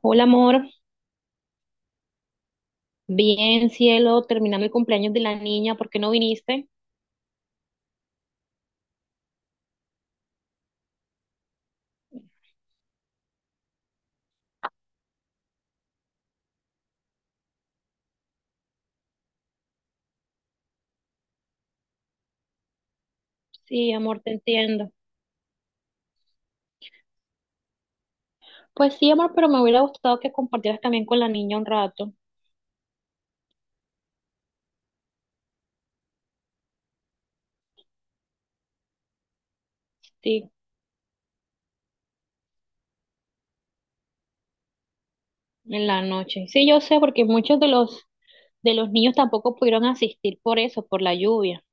Hola, amor. Bien, cielo, terminando el cumpleaños de la niña, ¿por qué no viniste? Sí, amor, te entiendo. Pues sí, amor, pero me hubiera gustado que compartieras también con la niña un rato, sí, en la noche. Sí, yo sé, porque muchos de los niños tampoco pudieron asistir por eso, por la lluvia.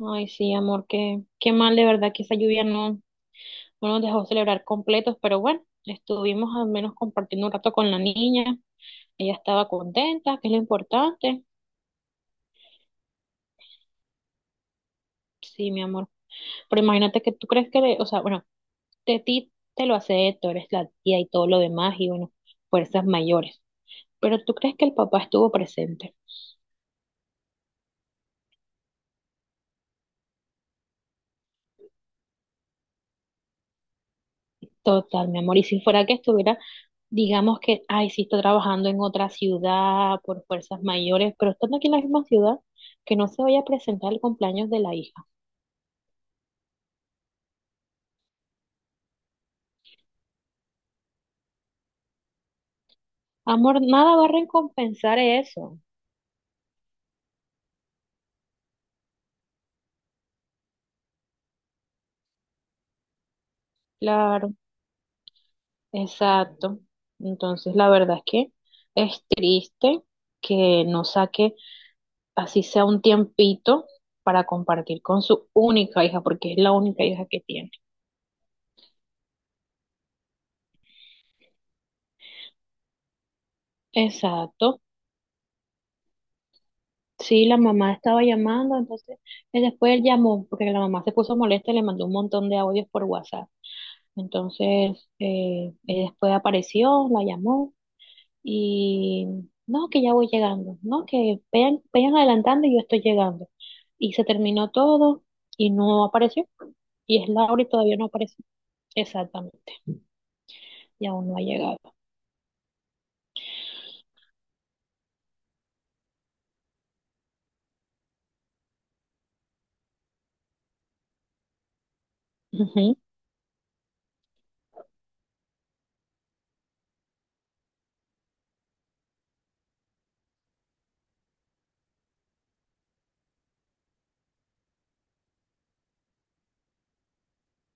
Ay, sí, amor, qué mal de verdad que esa lluvia no nos dejó celebrar completos, pero bueno, estuvimos al menos compartiendo un rato con la niña. Ella estaba contenta, que es lo importante. Sí, mi amor. Pero imagínate que tú crees que, o sea, bueno, de ti te lo hace, tú eres la tía y todo lo demás, y bueno, fuerzas mayores. Pero tú crees que el papá estuvo presente. Total, mi amor. Y si fuera que estuviera, digamos que, ay, sí está trabajando en otra ciudad por fuerzas mayores, pero estando aquí en la misma ciudad, que no se vaya a presentar el cumpleaños de la hija. Amor, nada va a recompensar eso. Claro, exacto. Entonces, la verdad es que es triste que no saque así sea un tiempito para compartir con su única hija, porque es la única hija que tiene. Exacto. Sí, la mamá estaba llamando, entonces él después él llamó, porque la mamá se puso molesta y le mandó un montón de audios por WhatsApp. Entonces, él después apareció, la llamó y no, que ya voy llegando, no, que vayan adelantando y yo estoy llegando. Y se terminó todo y no apareció. Y es Laura y todavía no apareció. Exactamente, y aún no ha llegado. Ujú.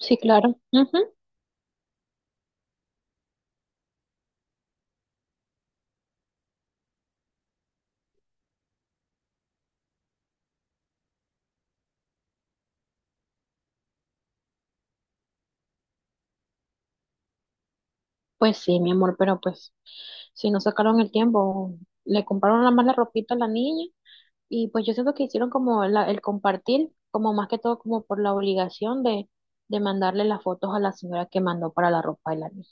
Sí, claro. Ujú. Pues sí, mi amor, pero pues si no sacaron el tiempo, le compraron la mala ropita a la niña y pues yo siento que hicieron como el compartir, como más que todo como por la obligación de mandarle las fotos a la señora que mandó para la ropa de la niña.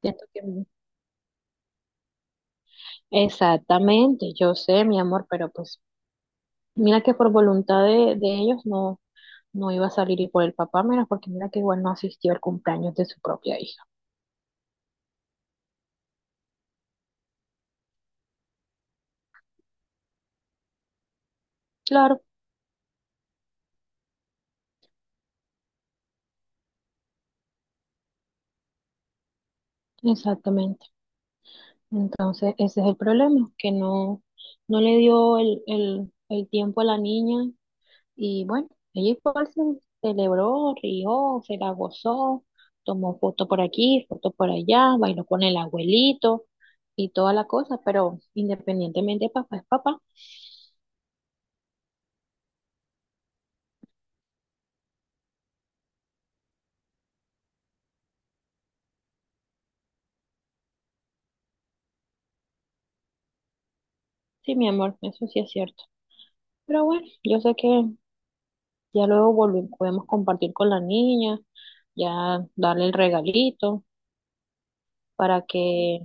Siento que. Exactamente, yo sé, mi amor, pero pues mira que por voluntad de ellos no iba a salir y por el papá, mira, porque mira que igual no asistió al cumpleaños de su propia hija. Claro, exactamente. Entonces, ese es el problema, que no le dio el tiempo a la niña y bueno, ella igual se celebró, rió, se la gozó, tomó foto por aquí, foto por allá, bailó con el abuelito y toda la cosa, pero independientemente, papá es papá. Sí, mi amor, eso sí es cierto. Pero bueno, yo sé que ya luego volvemos, podemos compartir con la niña, ya darle el regalito para que.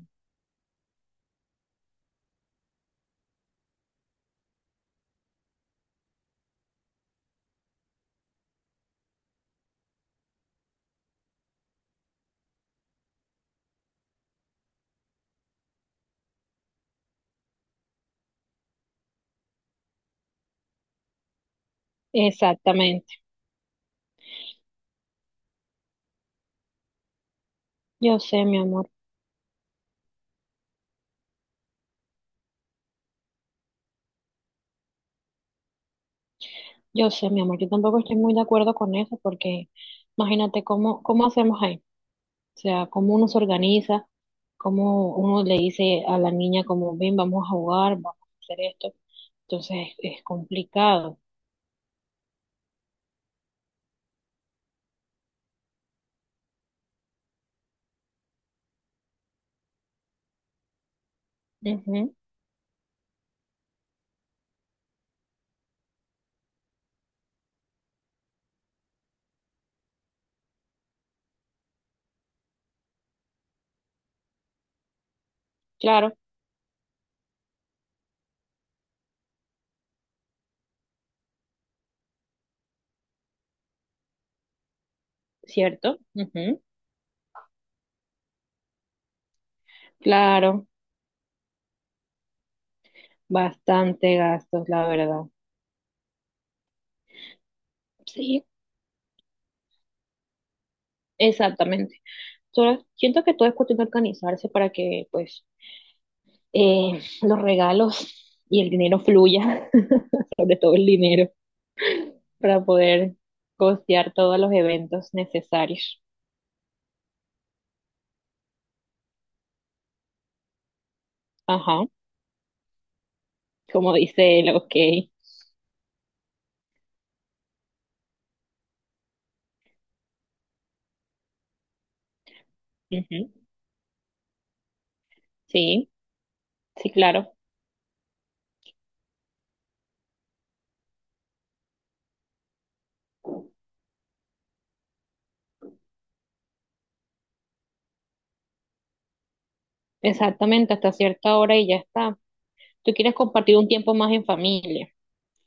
Exactamente, yo sé, mi amor. Yo sé, mi amor, yo tampoco estoy muy de acuerdo con eso porque imagínate cómo hacemos ahí, o sea, cómo uno se organiza, cómo uno le dice a la niña como, ven, vamos a jugar, vamos a hacer esto. Entonces es complicado. Ujú, claro, cierto. Ujú, claro, bastante gastos, la verdad. Sí, exactamente. Solo siento que todo es cuestión de organizarse para que pues los regalos y el dinero fluya, sobre todo el dinero, para poder costear todos los eventos necesarios. Ajá, como dice él, ok. Ujú. Sí, sí, claro. Exactamente, hasta cierta hora y ya está. Tú quieres compartir un tiempo más en familia,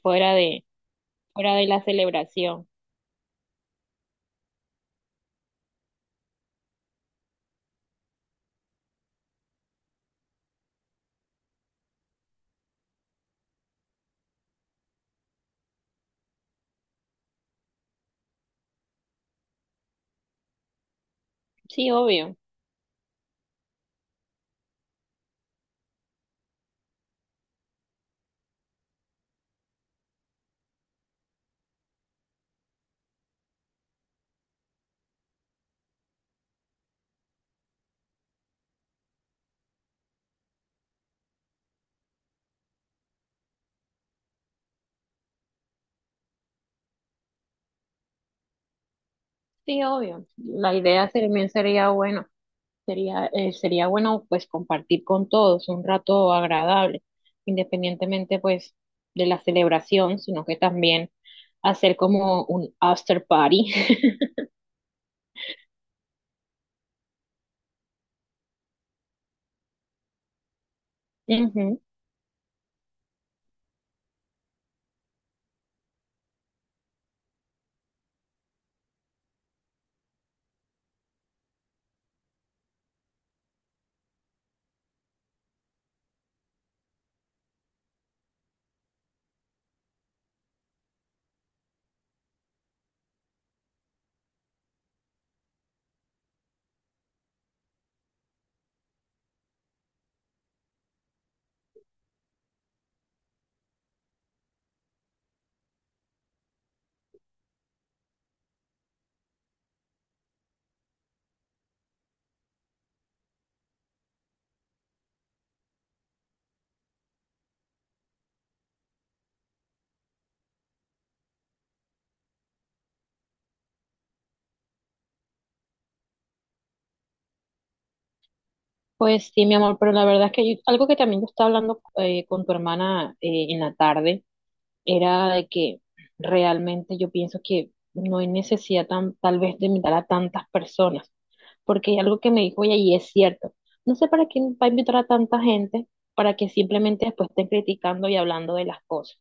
fuera de, fuera de la celebración. Sí, obvio, sí, obvio. La idea también sería, bueno, sería, sería bueno pues compartir con todos un rato agradable, independientemente pues de la celebración, sino que también hacer como un after party. Ujú. Pues sí, mi amor, pero la verdad es que yo- algo que también yo estaba hablando con tu hermana en la tarde era de que realmente yo pienso que no hay necesidad tal vez de invitar a tantas personas, porque hay algo que me dijo ella y es cierto. No sé para quién va a invitar a tanta gente para que simplemente después estén criticando y hablando de las cosas.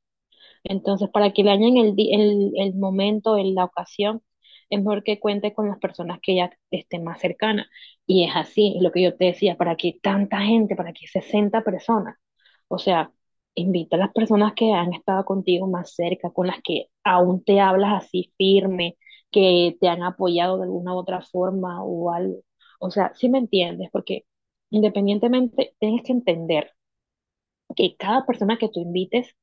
Entonces, para que le añaden el momento, la ocasión, es mejor que cuente con las personas que ya estén más cercanas. Y es así, es lo que yo te decía, para que tanta gente, para que 60 personas. O sea, invita a las personas que han estado contigo más cerca, con las que aún te hablas así firme, que te han apoyado de alguna u otra forma o algo. O sea, si me entiendes, porque independientemente tienes que entender que cada persona que tú invites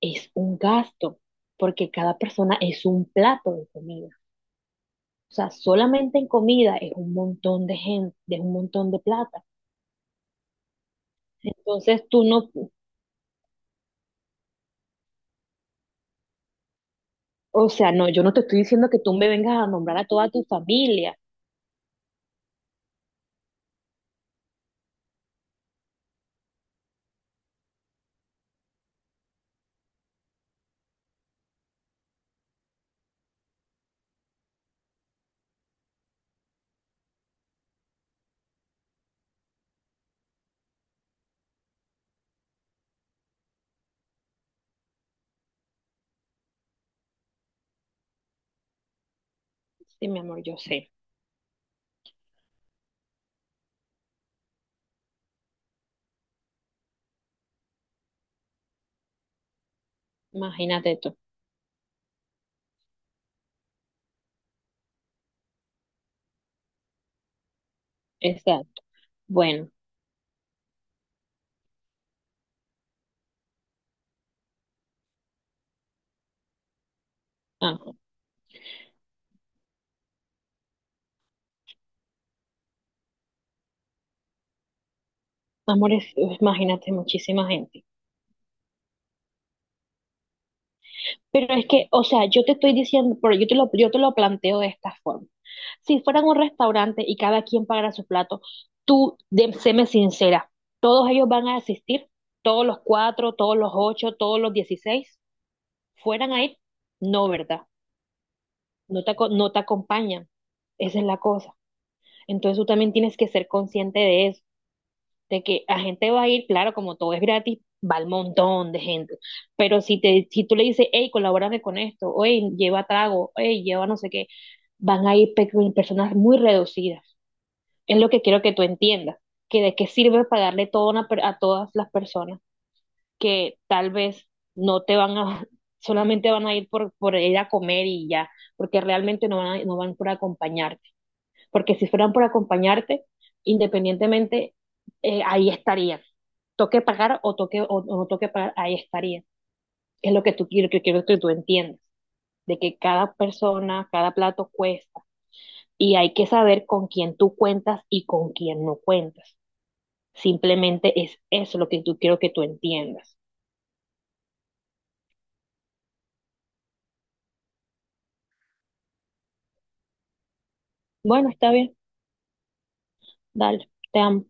es un gasto, porque cada persona es un plato de comida. O sea, solamente en comida es un montón de gente, es un montón de plata. Entonces tú no, o sea, no, yo no te estoy diciendo que tú me vengas a nombrar a toda tu familia. Sí, mi amor, yo sé. Imagínate tú. Exacto. Bueno, ah, amores, imagínate muchísima gente. Pero es que, o sea, yo te estoy diciendo, pero yo te lo planteo de esta forma. Si fueran un restaurante y cada quien pagara su plato, tú, séme sincera, ¿todos ellos van a asistir? ¿Todos los cuatro, todos los ocho, todos los 16? ¿Fueran a ir? No, ¿verdad? No te, no te acompañan. Esa es la cosa. Entonces tú también tienes que ser consciente de eso de que la gente va a ir, claro, como todo es gratis, va el montón de gente. Pero si te, si tú le dices, hey, colabórame con esto, o hey, lleva trago, hey, lleva no sé qué, van a ir personas muy reducidas. Es lo que quiero que tú entiendas, que de qué sirve pagarle todo a a todas las personas que tal vez no te van a, solamente van a ir por ir a comer y ya, porque realmente no van por acompañar, porque si fueran por acompañarte, independientemente, ahí estarías. Toque pagar o, toque, o no toque pagar, ahí estarías. Es lo que tú quiero que tú entiendas, de que cada persona, cada plato cuesta y hay que saber con quién tú cuentas y con quién no cuentas. Simplemente es eso lo que tú quiero que tú entiendas. Bueno, está bien, dale, te amo.